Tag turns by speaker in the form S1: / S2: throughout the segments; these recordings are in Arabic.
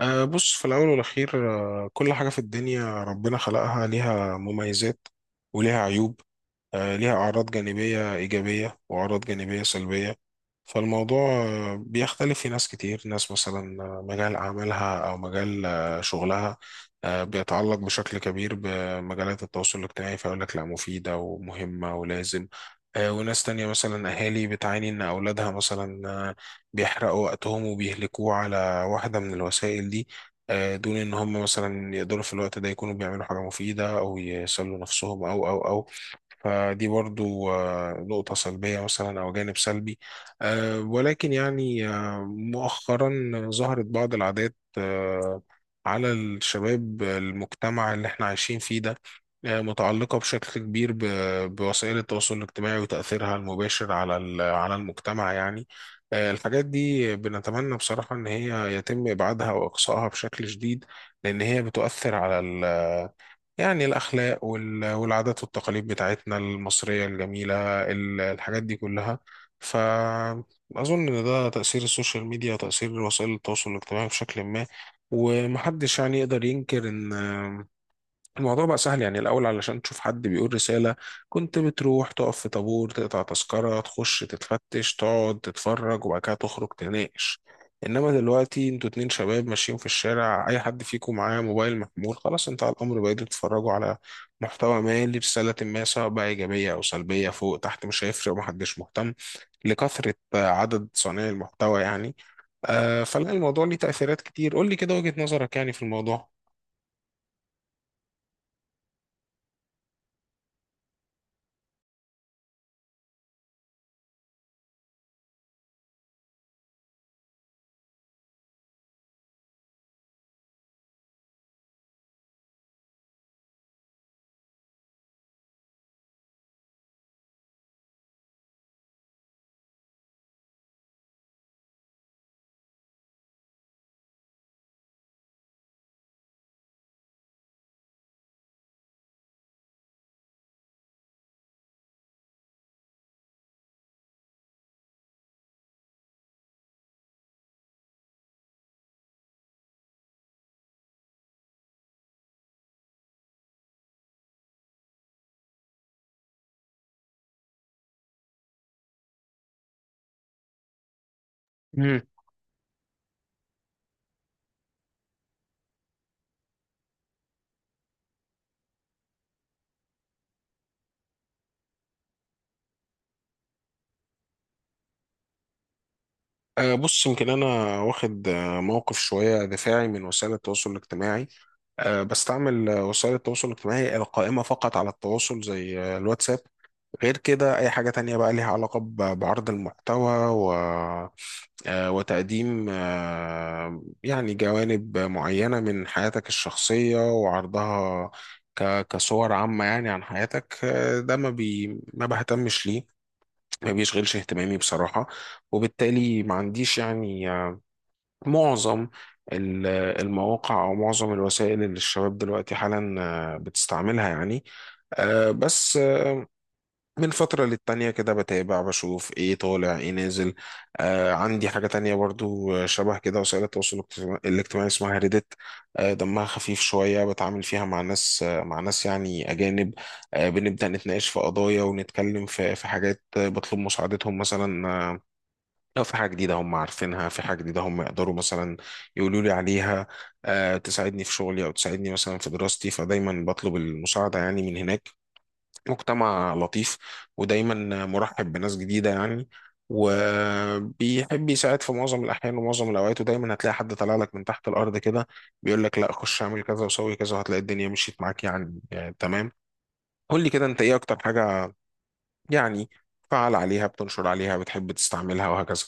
S1: بص، في الأول والأخير، كل حاجة في الدنيا ربنا خلقها ليها مميزات وليها عيوب. ليها أعراض جانبية إيجابية وأعراض جانبية سلبية. فالموضوع بيختلف. في ناس كتير، ناس مثلا مجال عملها أو مجال شغلها بيتعلق بشكل كبير بمجالات التواصل الاجتماعي فيقول لك لا، مفيدة ومهمة ولازم. وناس تانية مثلا أهالي بتعاني إن أولادها مثلا بيحرقوا وقتهم وبيهلكوه على واحدة من الوسائل دي، دون ان هم مثلا يقدروا في الوقت ده يكونوا بيعملوا حاجة مفيدة او يسلوا نفسهم او او او فدي برضو نقطة سلبية مثلا او جانب سلبي. ولكن يعني مؤخرا ظهرت بعض العادات على الشباب، المجتمع اللي احنا عايشين فيه ده، متعلقة بشكل كبير بوسائل التواصل الاجتماعي وتأثيرها المباشر على على المجتمع يعني. الحاجات دي بنتمنى بصراحة إن هي يتم إبعادها وإقصائها بشكل شديد، لأن هي بتؤثر على يعني الأخلاق والعادات والتقاليد بتاعتنا المصرية الجميلة، الحاجات دي كلها. فأظن إن ده تأثير السوشيال ميديا وتأثير وسائل التواصل الاجتماعي بشكل ما. ومحدش يعني يقدر ينكر إن الموضوع بقى سهل. يعني الأول علشان تشوف حد بيقول رسالة كنت بتروح تقف في طابور، تقطع تذكرة، تخش تتفتش، تقعد تتفرج، وبعد كده تخرج تناقش. إنما دلوقتي انتوا اتنين شباب ماشيين في الشارع، أي حد فيكم معاه موبايل محمول خلاص انتهى الأمر، بقيتوا تتفرجوا على محتوى ما لرسالة ما، سواء بقى إيجابية أو سلبية، فوق تحت مش هيفرق ومحدش مهتم لكثرة عدد صانعي المحتوى يعني. فلا، الموضوع ليه تأثيرات كتير. قول لي كده وجهة نظرك يعني في الموضوع. بص، يمكن أنا واخد موقف شوية دفاعي من وسائل التواصل الاجتماعي. بستعمل وسائل التواصل الاجتماعي القائمة فقط على التواصل زي الواتساب. غير كده أي حاجة تانية بقى ليها علاقة بعرض المحتوى و وتقديم يعني جوانب معينة من حياتك الشخصية وعرضها كصور عامة يعني عن حياتك، ده ما بهتمش ليه، ما بيشغلش اهتمامي بصراحة. وبالتالي ما عنديش يعني معظم ال- المواقع او معظم الوسائل اللي الشباب دلوقتي حالا بتستعملها يعني. بس من فترة للتانية كده بتابع بشوف ايه طالع ايه نازل. عندي حاجة تانية برضو شبه كده، وسائل التواصل الاجتماعي اسمها ريدت. دمها خفيف شوية، بتعامل فيها مع ناس يعني أجانب، بنبدأ نتناقش في قضايا ونتكلم في حاجات، بطلب مساعدتهم مثلا، لو في حاجة جديدة هم عارفينها، في حاجة جديدة هم يقدروا مثلا يقولوا لي عليها، تساعدني في شغلي أو تساعدني مثلا في دراستي. فدايما بطلب المساعدة يعني من هناك. مجتمع لطيف، ودايما مرحب بناس جديدة يعني، وبيحب يساعد في معظم الأحيان ومعظم الأوقات، ودايما هتلاقي حد طالع لك من تحت الأرض كده بيقول لك لا، خش اعمل كذا وسوي كذا، وهتلاقي الدنيا مشيت معاك يعني تمام. قول لي كده، أنت إيه أكتر حاجة يعني فعال عليها، بتنشر عليها، بتحب تستعملها وهكذا؟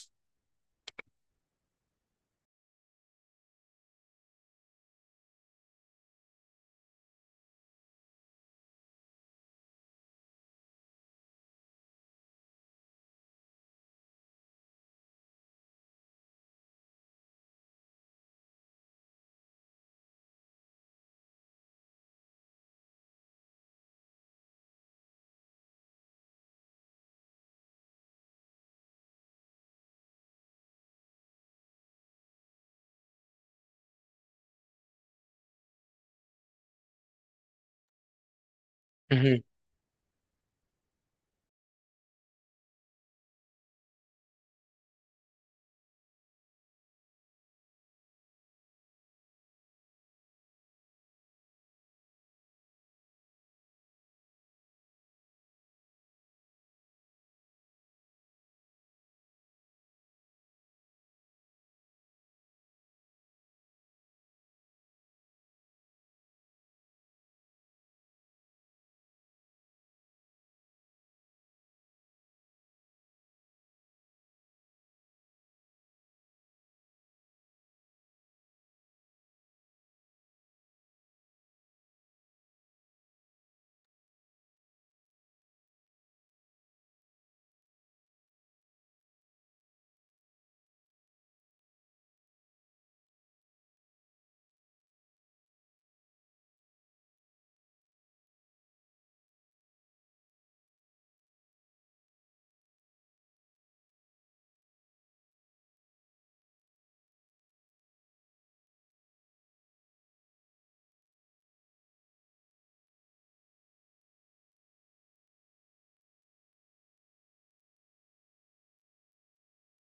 S1: مهم.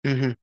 S1: مهم.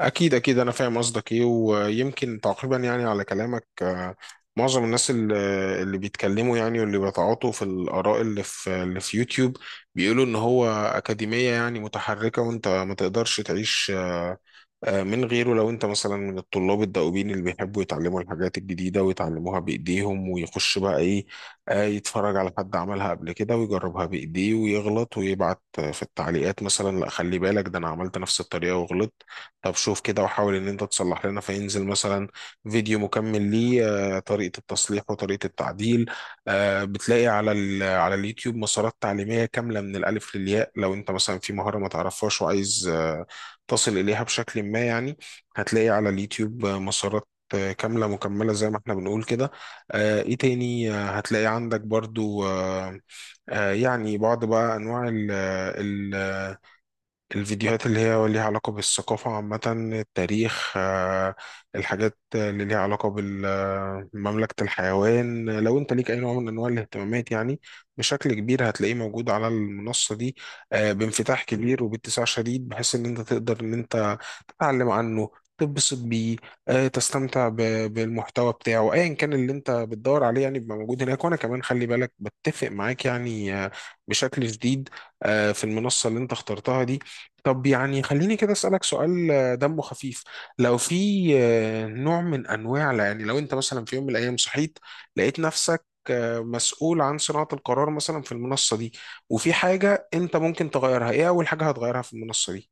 S1: أكيد أكيد، أنا فاهم قصدك إيه. ويمكن تقريبا يعني على كلامك معظم الناس اللي بيتكلموا يعني واللي بيتعاطوا في الآراء اللي في يوتيوب، بيقولوا إن هو أكاديمية يعني متحركة، وأنت ما تقدرش تعيش من غيره. لو انت مثلا من الطلاب الدؤوبين اللي بيحبوا يتعلموا الحاجات الجديدة ويتعلموها بإيديهم ويخش بقى ايه، يتفرج على حد عملها قبل كده ويجربها بإيديه ويغلط ويبعت في التعليقات مثلا لا، خلي بالك ده انا عملت نفس الطريقة وغلطت، طب شوف كده وحاول ان انت تصلح لنا. فينزل مثلا فيديو مكمل ليه طريقة التصليح وطريقة التعديل. بتلاقي على على اليوتيوب مسارات تعليمية كاملة من الألف للياء. لو انت مثلا في مهارة ما تعرفهاش وعايز تصل إليها بشكل ما يعني، هتلاقي على اليوتيوب مسارات كاملة مكملة زي ما احنا بنقول كده. ايه تاني؟ هتلاقي عندك برضو يعني بعض بقى انواع ال ال الفيديوهات اللي هي ليها علاقة بالثقافة عامة، التاريخ، الحاجات اللي ليها علاقة بمملكة الحيوان. لو انت ليك اي نوع من انواع الاهتمامات يعني بشكل كبير هتلاقيه موجود على المنصة دي بانفتاح كبير وباتساع شديد، بحيث ان انت تقدر ان انت تعلم عنه، تتبسط بيه، تستمتع بالمحتوى بتاعه ايا كان اللي انت بتدور عليه، يعني بيبقى موجود هناك. وانا كمان خلي بالك بتفق معاك يعني بشكل شديد في المنصة اللي انت اخترتها دي. طب يعني خليني كده اسألك سؤال دمه خفيف. لو في نوع من انواع، يعني لو انت مثلا في يوم من الايام صحيت لقيت نفسك مسؤول عن صناعة القرار مثلا في المنصة دي، وفي حاجة انت ممكن تغيرها، ايه اول حاجة هتغيرها في المنصة دي؟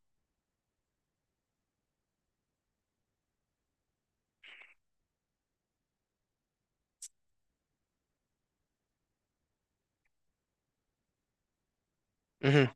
S1: مهم.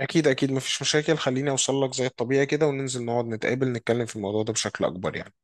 S1: اكيد اكيد، مفيش مشاكل. خليني اوصل لك زي الطبيعي كده وننزل نقعد نتقابل نتكلم في الموضوع ده بشكل اكبر يعني.